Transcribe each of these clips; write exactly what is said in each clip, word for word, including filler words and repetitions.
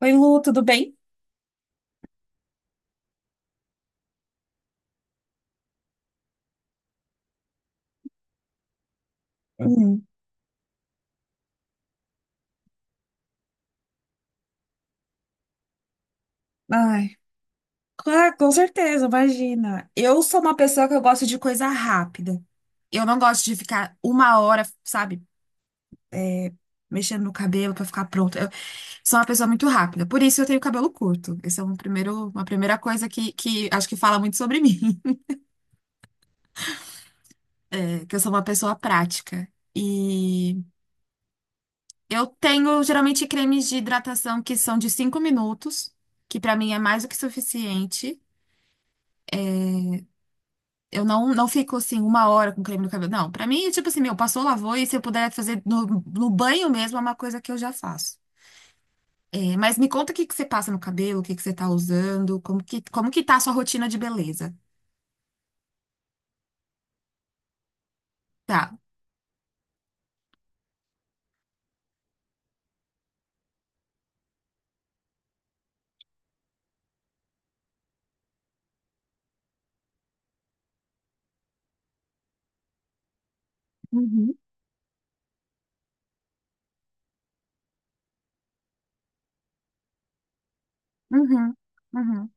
Oi, Lu, tudo bem? Né? Hum, ai, claro, com certeza, imagina. Eu sou uma pessoa que eu gosto de coisa rápida. Eu não gosto de ficar uma hora, sabe, mexendo no cabelo pra ficar pronto. Eu sou uma pessoa muito rápida, por isso eu tenho cabelo curto. Essa é um primeiro, uma primeira coisa que, que acho que fala muito sobre mim, é que eu sou uma pessoa prática. E eu tenho geralmente cremes de hidratação que são de cinco minutos, que pra mim é mais do que suficiente. Eu não, não fico assim uma hora com creme no cabelo. Não, pra mim, tipo assim, meu, passou, lavou e se eu puder fazer no, no banho mesmo, é uma coisa que eu já faço. É, mas me conta o que que você passa no cabelo, o que que você tá usando, como que, como que tá a sua rotina de beleza? Tá. Uhum, uhum, uhum.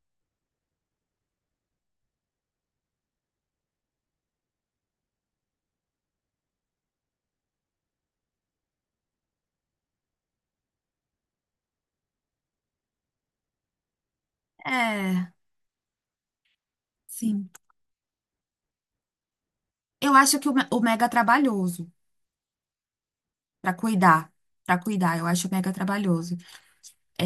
É, sim. Eu acho que o, me- o mega trabalhoso pra cuidar. Pra cuidar, eu acho mega trabalhoso. É,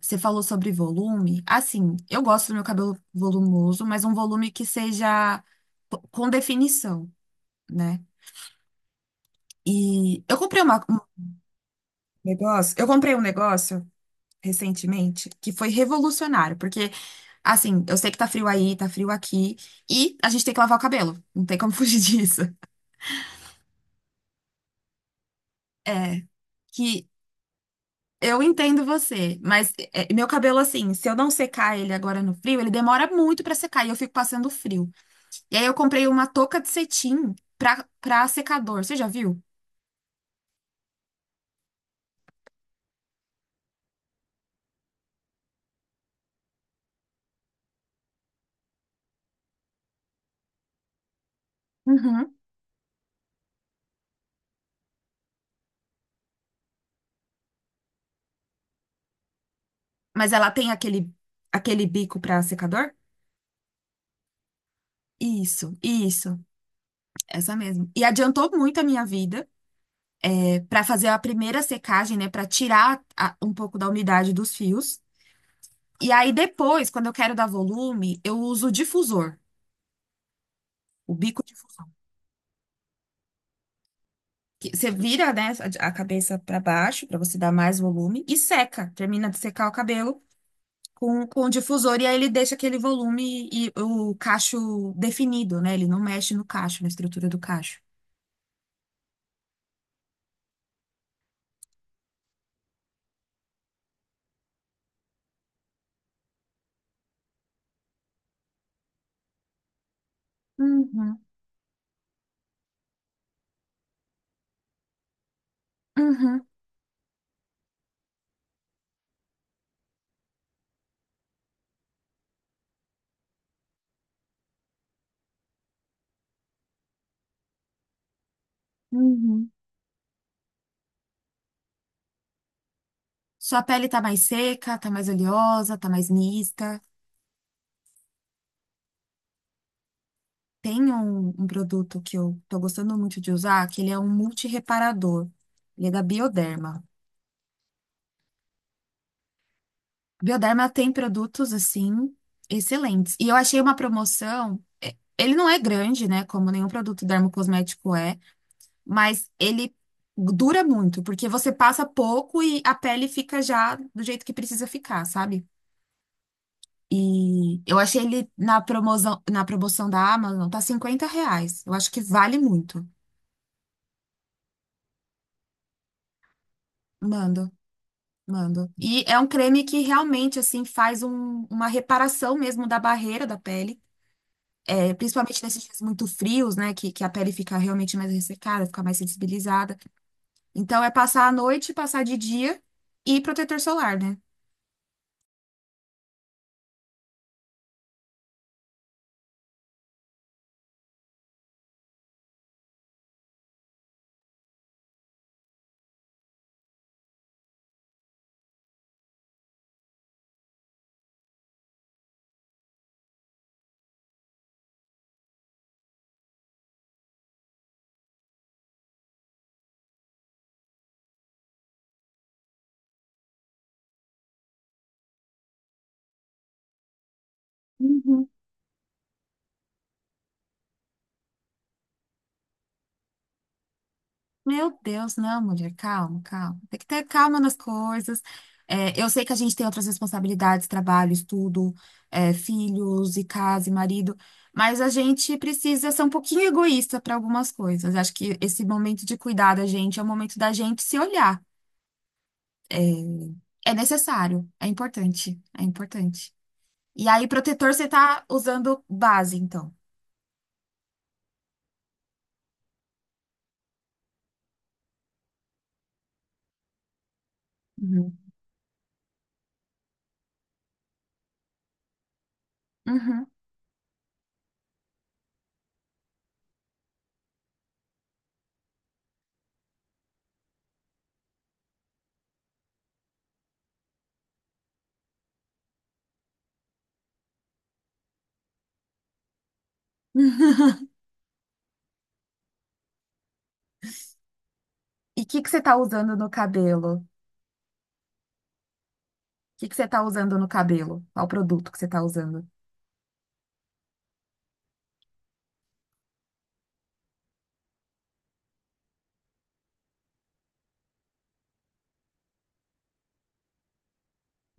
você falou sobre volume. Assim, eu gosto do meu cabelo volumoso, mas um volume que seja p- com definição, né? E eu comprei uma- um negócio, eu comprei um negócio recentemente que foi revolucionário, porque assim, eu sei que tá frio aí, tá frio aqui, e a gente tem que lavar o cabelo, não tem como fugir disso. É, que eu entendo você, mas é, meu cabelo assim, se eu não secar ele agora no frio, ele demora muito pra secar e eu fico passando frio. E aí eu comprei uma touca de cetim pra, pra secador. Você já viu? Uhum. Mas ela tem aquele, aquele bico pra secador? Isso, isso. Essa mesmo. E adiantou muito a minha vida para fazer a primeira secagem, né? Para tirar a- um pouco da umidade dos fios. E aí depois, quando eu quero dar volume, eu uso o difusor, o bico difusor. Que você vira, né, a a cabeça para baixo para você dar mais volume e seca. Termina de secar o cabelo com, com o difusor e aí ele deixa aquele volume e o cacho definido, né? Ele não mexe no cacho, na estrutura do cacho. Uhum, uhum, uhum. Sua pele tá mais seca, tá mais oleosa, tá mais mista? Tem um, um produto que eu tô gostando muito de usar, que ele é um multireparador. Ele é da Bioderma. Bioderma tem produtos, assim, excelentes. E eu achei uma promoção. é, Ele não é grande, né? Como nenhum produto dermocosmético é, mas ele dura muito, porque você passa pouco e a pele fica já do jeito que precisa ficar, sabe? E eu achei ele na promoção, na promoção da Amazon, tá cinquenta reais. Eu acho que vale muito. Mando, mando. E é um creme que realmente, assim, faz um- uma reparação mesmo da barreira da pele. É, principalmente nesses dias muito frios, né? Que, que a pele fica realmente mais ressecada, fica mais sensibilizada. Então, é passar à noite, passar de dia e protetor solar, né? Uhum. Meu Deus, não, mulher, calma, calma. Tem que ter calma nas coisas. É, eu sei que a gente tem outras responsabilidades, trabalho, estudo, é, filhos e casa e marido, mas a gente precisa ser um pouquinho egoísta para algumas coisas. Acho que esse momento de cuidar da gente é o momento da gente se olhar. É necessário, é importante, é importante. E aí, protetor, você tá usando base, então. Uhum. Uhum. E o que que você tá usando no cabelo? que que você tá usando no cabelo? Qual produto que você tá usando?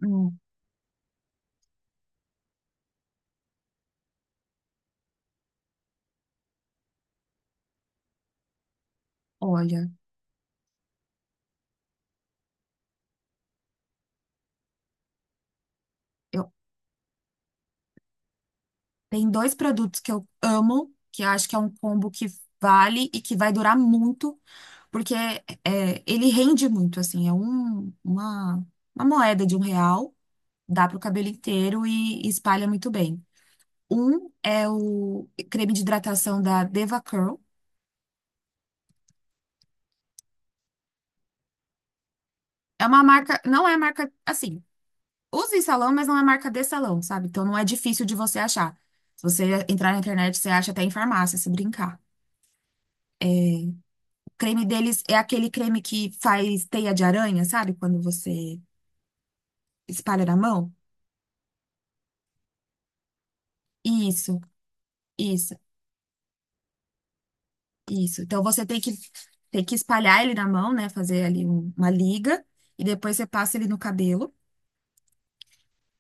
Hum, Olha, eu tem dois produtos que eu amo, que eu acho que é um combo que vale e que vai durar muito, porque é, ele rende muito, assim, é um, uma, uma moeda de um real, dá pro cabelo inteiro e, e espalha muito bem. Um é o creme de hidratação da Deva Curl. É uma marca, não é marca assim, usa em salão, mas não é marca de salão, sabe? Então não é difícil de você achar. Se você entrar na internet, você acha até em farmácia, se brincar. É, o creme deles é aquele creme que faz teia de aranha, sabe? Quando você espalha na mão. Isso, isso, isso. Então você tem que, tem que espalhar ele na mão, né? Fazer ali um- uma liga. E depois você passa ele no cabelo.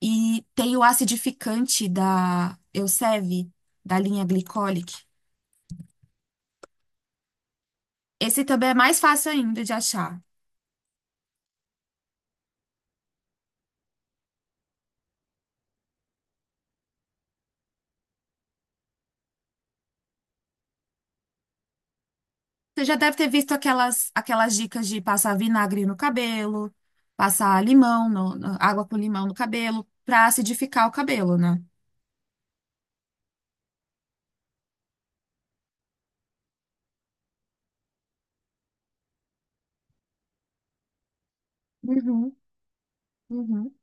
E tem o acidificante da Elseve, da linha Glycolic. Esse também é mais fácil ainda de achar. Você já deve ter visto aquelas, aquelas dicas de passar vinagre no cabelo, passar limão, no- no- água com limão no cabelo, pra acidificar o cabelo, né? Uhum, uhum,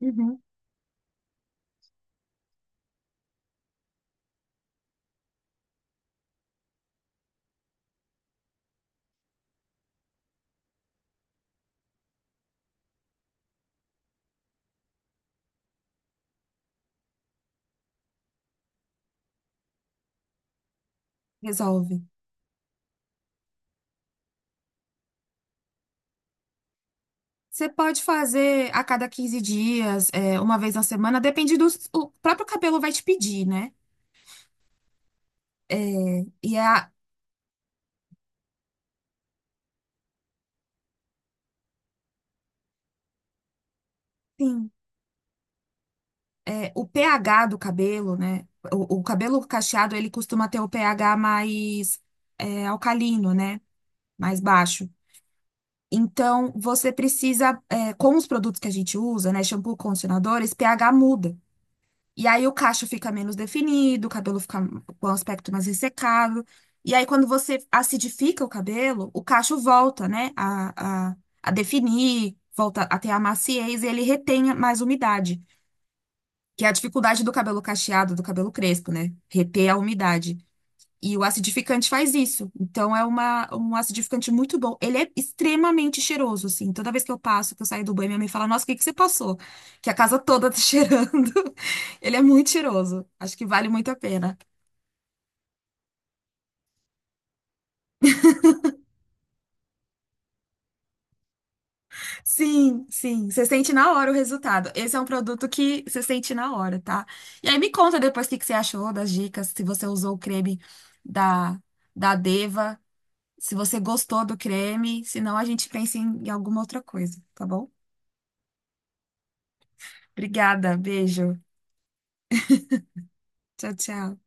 uhum. Resolve. Você pode fazer a cada quinze dias, é, uma vez na semana, depende do o próprio cabelo vai te pedir, né? É, e é a, sim, é, o pH do cabelo, né? O, o cabelo cacheado, ele costuma ter o pH mais é, alcalino, né? Mais baixo. Então, você precisa, é, com os produtos que a gente usa, né, shampoo, condicionadores, pH muda. E aí o cacho fica menos definido, o cabelo fica com um aspecto mais ressecado. E aí, quando você acidifica o cabelo, o cacho volta, né, a, a, a definir, volta a ter a maciez e ele retém mais umidade, que é a dificuldade do cabelo cacheado, do cabelo crespo, né, reter a umidade. E o acidificante faz isso. Então, é uma, um acidificante muito bom. Ele é extremamente cheiroso, assim. Toda vez que eu passo, que eu saio do banho, minha mãe fala, nossa, o que que você passou? Que a casa toda tá cheirando. Ele é muito cheiroso. Acho que vale muito a pena. Sim, sim. Você sente na hora o resultado. Esse é um produto que você sente na hora, tá? E aí, me conta depois o que que você achou das dicas, se você usou o creme da, da Deva, se você gostou do creme. Senão, a gente pensa em em alguma outra coisa, tá bom? Obrigada, beijo. Tchau, tchau.